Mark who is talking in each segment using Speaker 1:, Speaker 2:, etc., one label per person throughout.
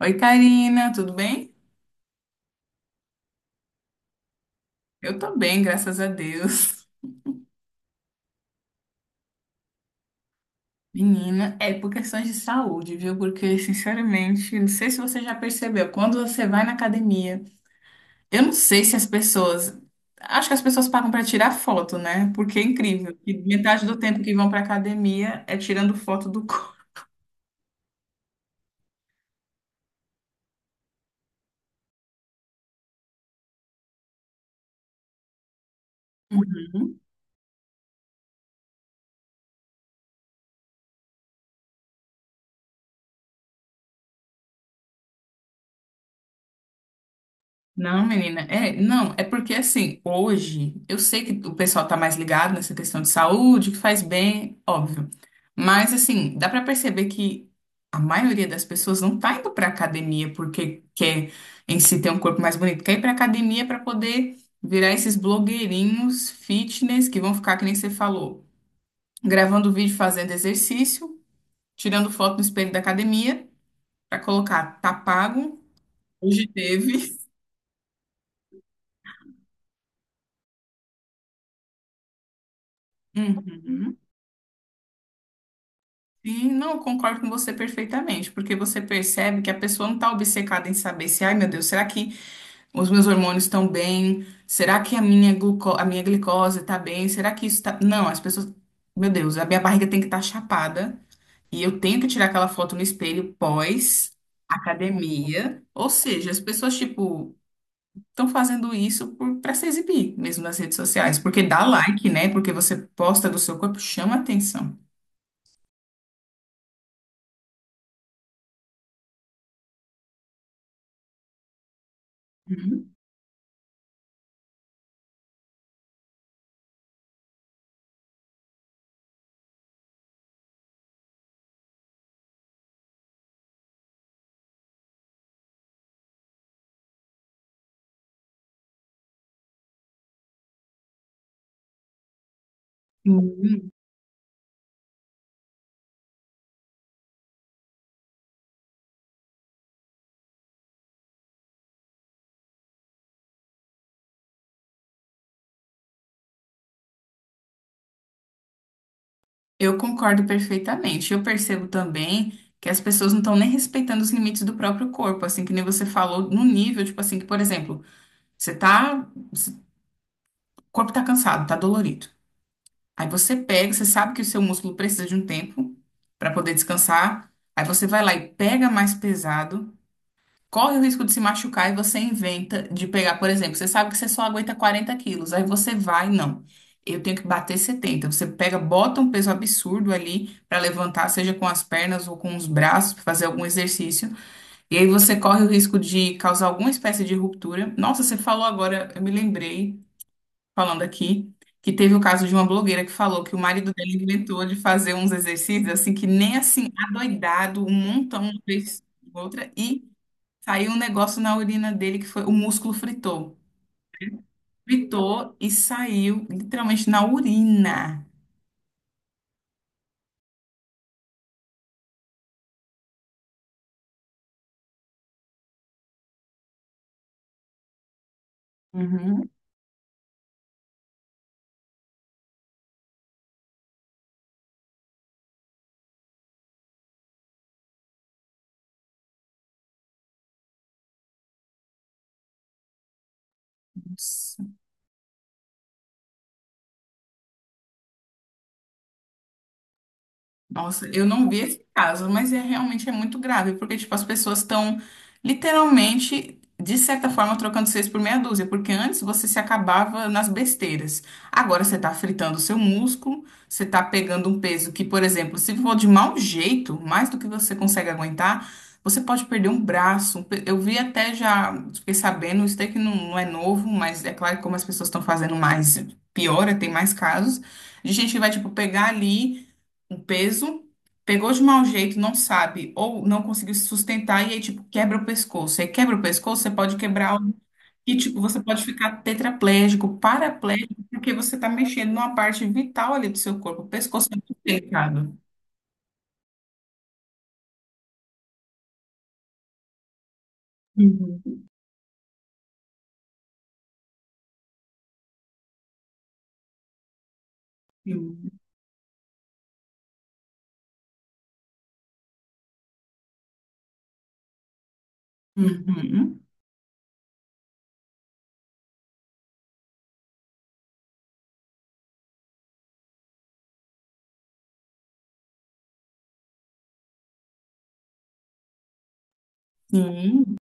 Speaker 1: Oi, Karina, tudo bem? Eu tô bem, graças a Deus. Menina, é por questões de saúde, viu? Porque, sinceramente, não sei se você já percebeu, quando você vai na academia, eu não sei se as pessoas. Acho que as pessoas pagam pra tirar foto, né? Porque é incrível. Que metade do tempo que vão pra academia é tirando foto do corpo. Não, menina, é, não, é porque assim, hoje, eu sei que o pessoal tá mais ligado nessa questão de saúde, que faz bem, óbvio. Mas assim, dá pra perceber que a maioria das pessoas não tá indo pra academia porque quer em si ter um corpo mais bonito, quer ir pra academia pra poder virar esses blogueirinhos fitness que vão ficar, que nem você falou, gravando vídeo fazendo exercício, tirando foto no espelho da academia pra colocar, tá pago, hoje teve. Uhum. Sim, não, eu concordo com você perfeitamente, porque você percebe que a pessoa não está obcecada em saber se, ai meu Deus, será que os meus hormônios estão bem? Será que a minha gluco a minha glicose está bem? Será que isso está. Não, as pessoas. Meu Deus, a minha barriga tem que estar chapada e eu tenho que tirar aquela foto no espelho pós academia. Ou seja, as pessoas, tipo, estão fazendo isso para se exibir mesmo nas redes sociais, porque dá like, né? Porque você posta do seu corpo, chama atenção. Uhum. Eu concordo perfeitamente. Eu percebo também que as pessoas não estão nem respeitando os limites do próprio corpo, assim, que nem você falou, no nível, tipo assim, que, por exemplo, você tá, o corpo tá cansado, tá dolorido. Aí você pega, você sabe que o seu músculo precisa de um tempo para poder descansar. Aí você vai lá e pega mais pesado, corre o risco de se machucar e você inventa de pegar, por exemplo, você sabe que você só aguenta 40 kg, aí você vai, não. Eu tenho que bater 70. Você pega, bota um peso absurdo ali para levantar, seja com as pernas ou com os braços, pra fazer algum exercício. E aí você corre o risco de causar alguma espécie de ruptura. Nossa, você falou agora, eu me lembrei, falando aqui, que teve o caso de uma blogueira que falou que o marido dela inventou de fazer uns exercícios assim que nem assim, adoidado, um montão, uma vez, outra, e saiu um negócio na urina dele que foi o músculo fritou. Fritou e saiu literalmente na urina. Uhum. Nossa, eu não vi esse caso, mas é realmente é muito grave, porque tipo as pessoas estão literalmente de certa forma trocando seis por meia dúzia, porque antes você se acabava nas besteiras. Agora você está fritando o seu músculo, você está pegando um peso que, por exemplo, se for de mau jeito, mais do que você consegue aguentar, você pode perder um braço, um pe- eu vi até já, fiquei sabendo, isso daí que não, não é novo, mas é claro que como as pessoas estão fazendo mais, piora, tem mais casos de gente que vai tipo pegar ali um peso, pegou de mau jeito, não sabe, ou não conseguiu se sustentar, e aí, tipo, quebra o pescoço. Aí quebra o pescoço, você pode quebrar algo que, tipo, você pode ficar tetraplégico, paraplégico, porque você tá mexendo numa parte vital ali do seu corpo. O pescoço é muito delicado. Uhum. Uhum. Sim.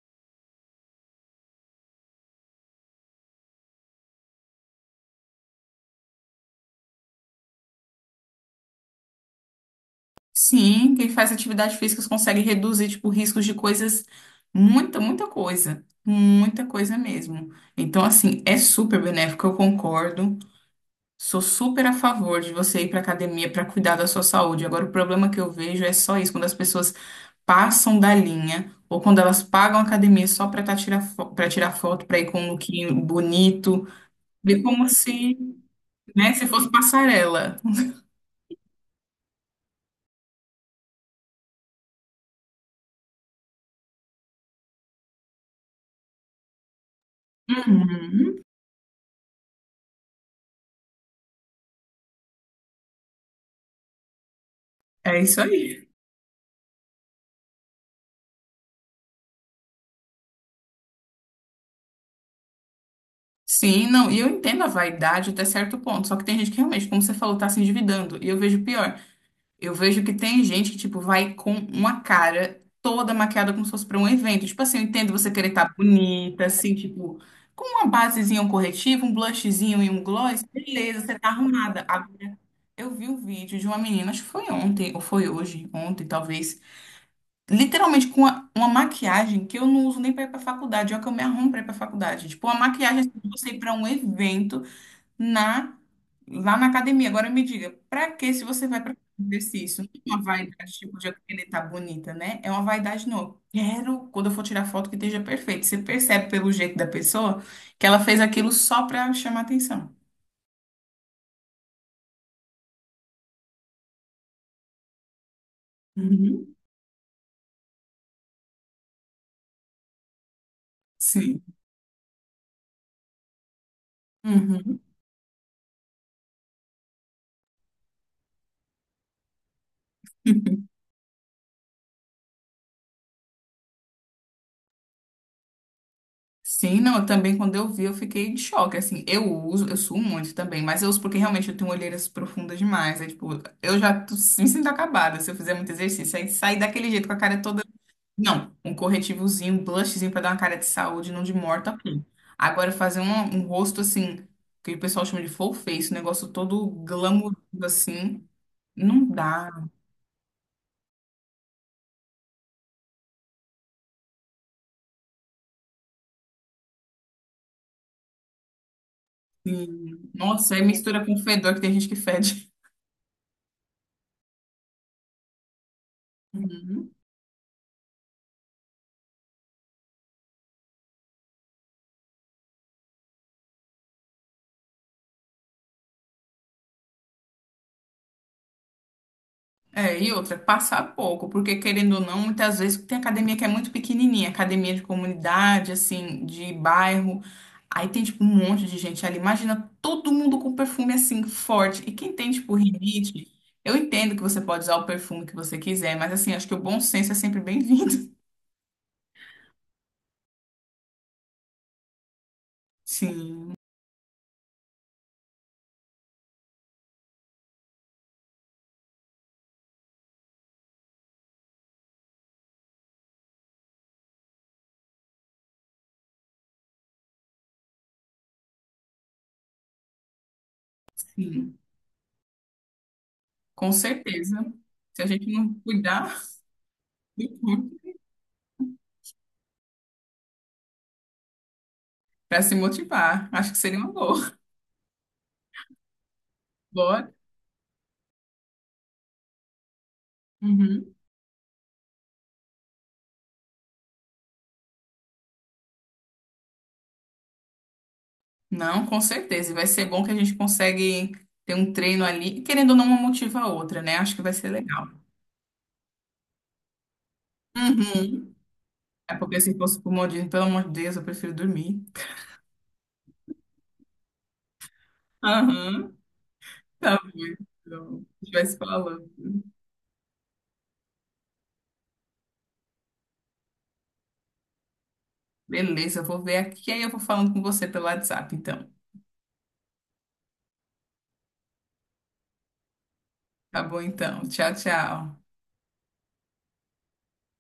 Speaker 1: Sim, quem faz atividade física consegue reduzir, tipo, riscos de coisas, muita, muita coisa mesmo. Então, assim, é super benéfico, eu concordo. Sou super a favor de você ir para academia para cuidar da sua saúde. Agora, o problema que eu vejo é só isso, quando as pessoas passam da linha ou quando elas pagam a academia só para tirar, para tirar foto, para ir com um lookinho bonito, de como se, né, se fosse passarela. Uhum. É isso aí. Sim, não, e eu entendo a vaidade até certo ponto, só que tem gente que realmente, como você falou, tá se endividando. E eu vejo pior. Eu vejo que tem gente que, tipo, vai com uma cara toda maquiada como se fosse pra um evento. Tipo assim, eu entendo você querer estar bonita, assim, tipo, com uma basezinha, um corretivo, um blushzinho e um gloss, beleza, você tá arrumada. Agora, eu vi um vídeo de uma menina, acho que foi ontem, ou foi hoje, ontem talvez, literalmente com uma maquiagem que eu não uso nem pra ir pra faculdade, é o que eu me arrumo pra ir pra faculdade. Tipo, uma maquiagem assim, pra você ir pra um evento na, lá na academia. Agora me diga, para que se você vai para exercício? Não é uma vaidade, tipo, de eu querer estar bonita, né? É uma vaidade, não. Eu quero, quando eu for tirar foto, que esteja perfeito. Você percebe pelo jeito da pessoa que ela fez aquilo só para chamar atenção. Uhum. Sim. Uhum. Sim, não, eu também quando eu vi eu fiquei de choque, assim, eu uso, eu suo muito também, mas eu uso porque realmente eu tenho olheiras profundas demais, é tipo, eu já tô- me sinto acabada se eu fizer muito exercício, aí sair daquele jeito com a cara toda. Não, um corretivozinho, um blushzinho pra dar uma cara de saúde, não de morta, ok. Agora fazer um, um rosto assim, que o pessoal chama de full face, um negócio todo glamuroso assim, não dá. Assim. Nossa, aí mistura com fedor que tem gente que fede. Uhum. É, e outra, passar pouco, porque querendo ou não, muitas vezes tem academia que é muito pequenininha, academia de comunidade, assim, de bairro. Aí tem, tipo, um monte de gente ali. Imagina todo mundo com perfume, assim, forte. E quem tem, tipo, rinite, eu entendo que você pode usar o perfume que você quiser, mas, assim, acho que o bom senso é sempre bem-vindo. Sim, sim, com certeza. Se a gente não cuidar do corpo pra se motivar, acho que seria uma boa. Bora. Uhum. Não, com certeza. E vai ser bom que a gente consegue ter um treino ali, e querendo ou não, uma motiva a outra, né? Acho que vai ser legal. Uhum. É porque se fosse por modismo, pelo amor de Deus, eu prefiro dormir. Aham. Tá bom. Então, a gente vai se falando. Beleza, eu vou ver aqui, aí eu vou falando com você pelo WhatsApp, então. Tá bom, então. Tchau, tchau.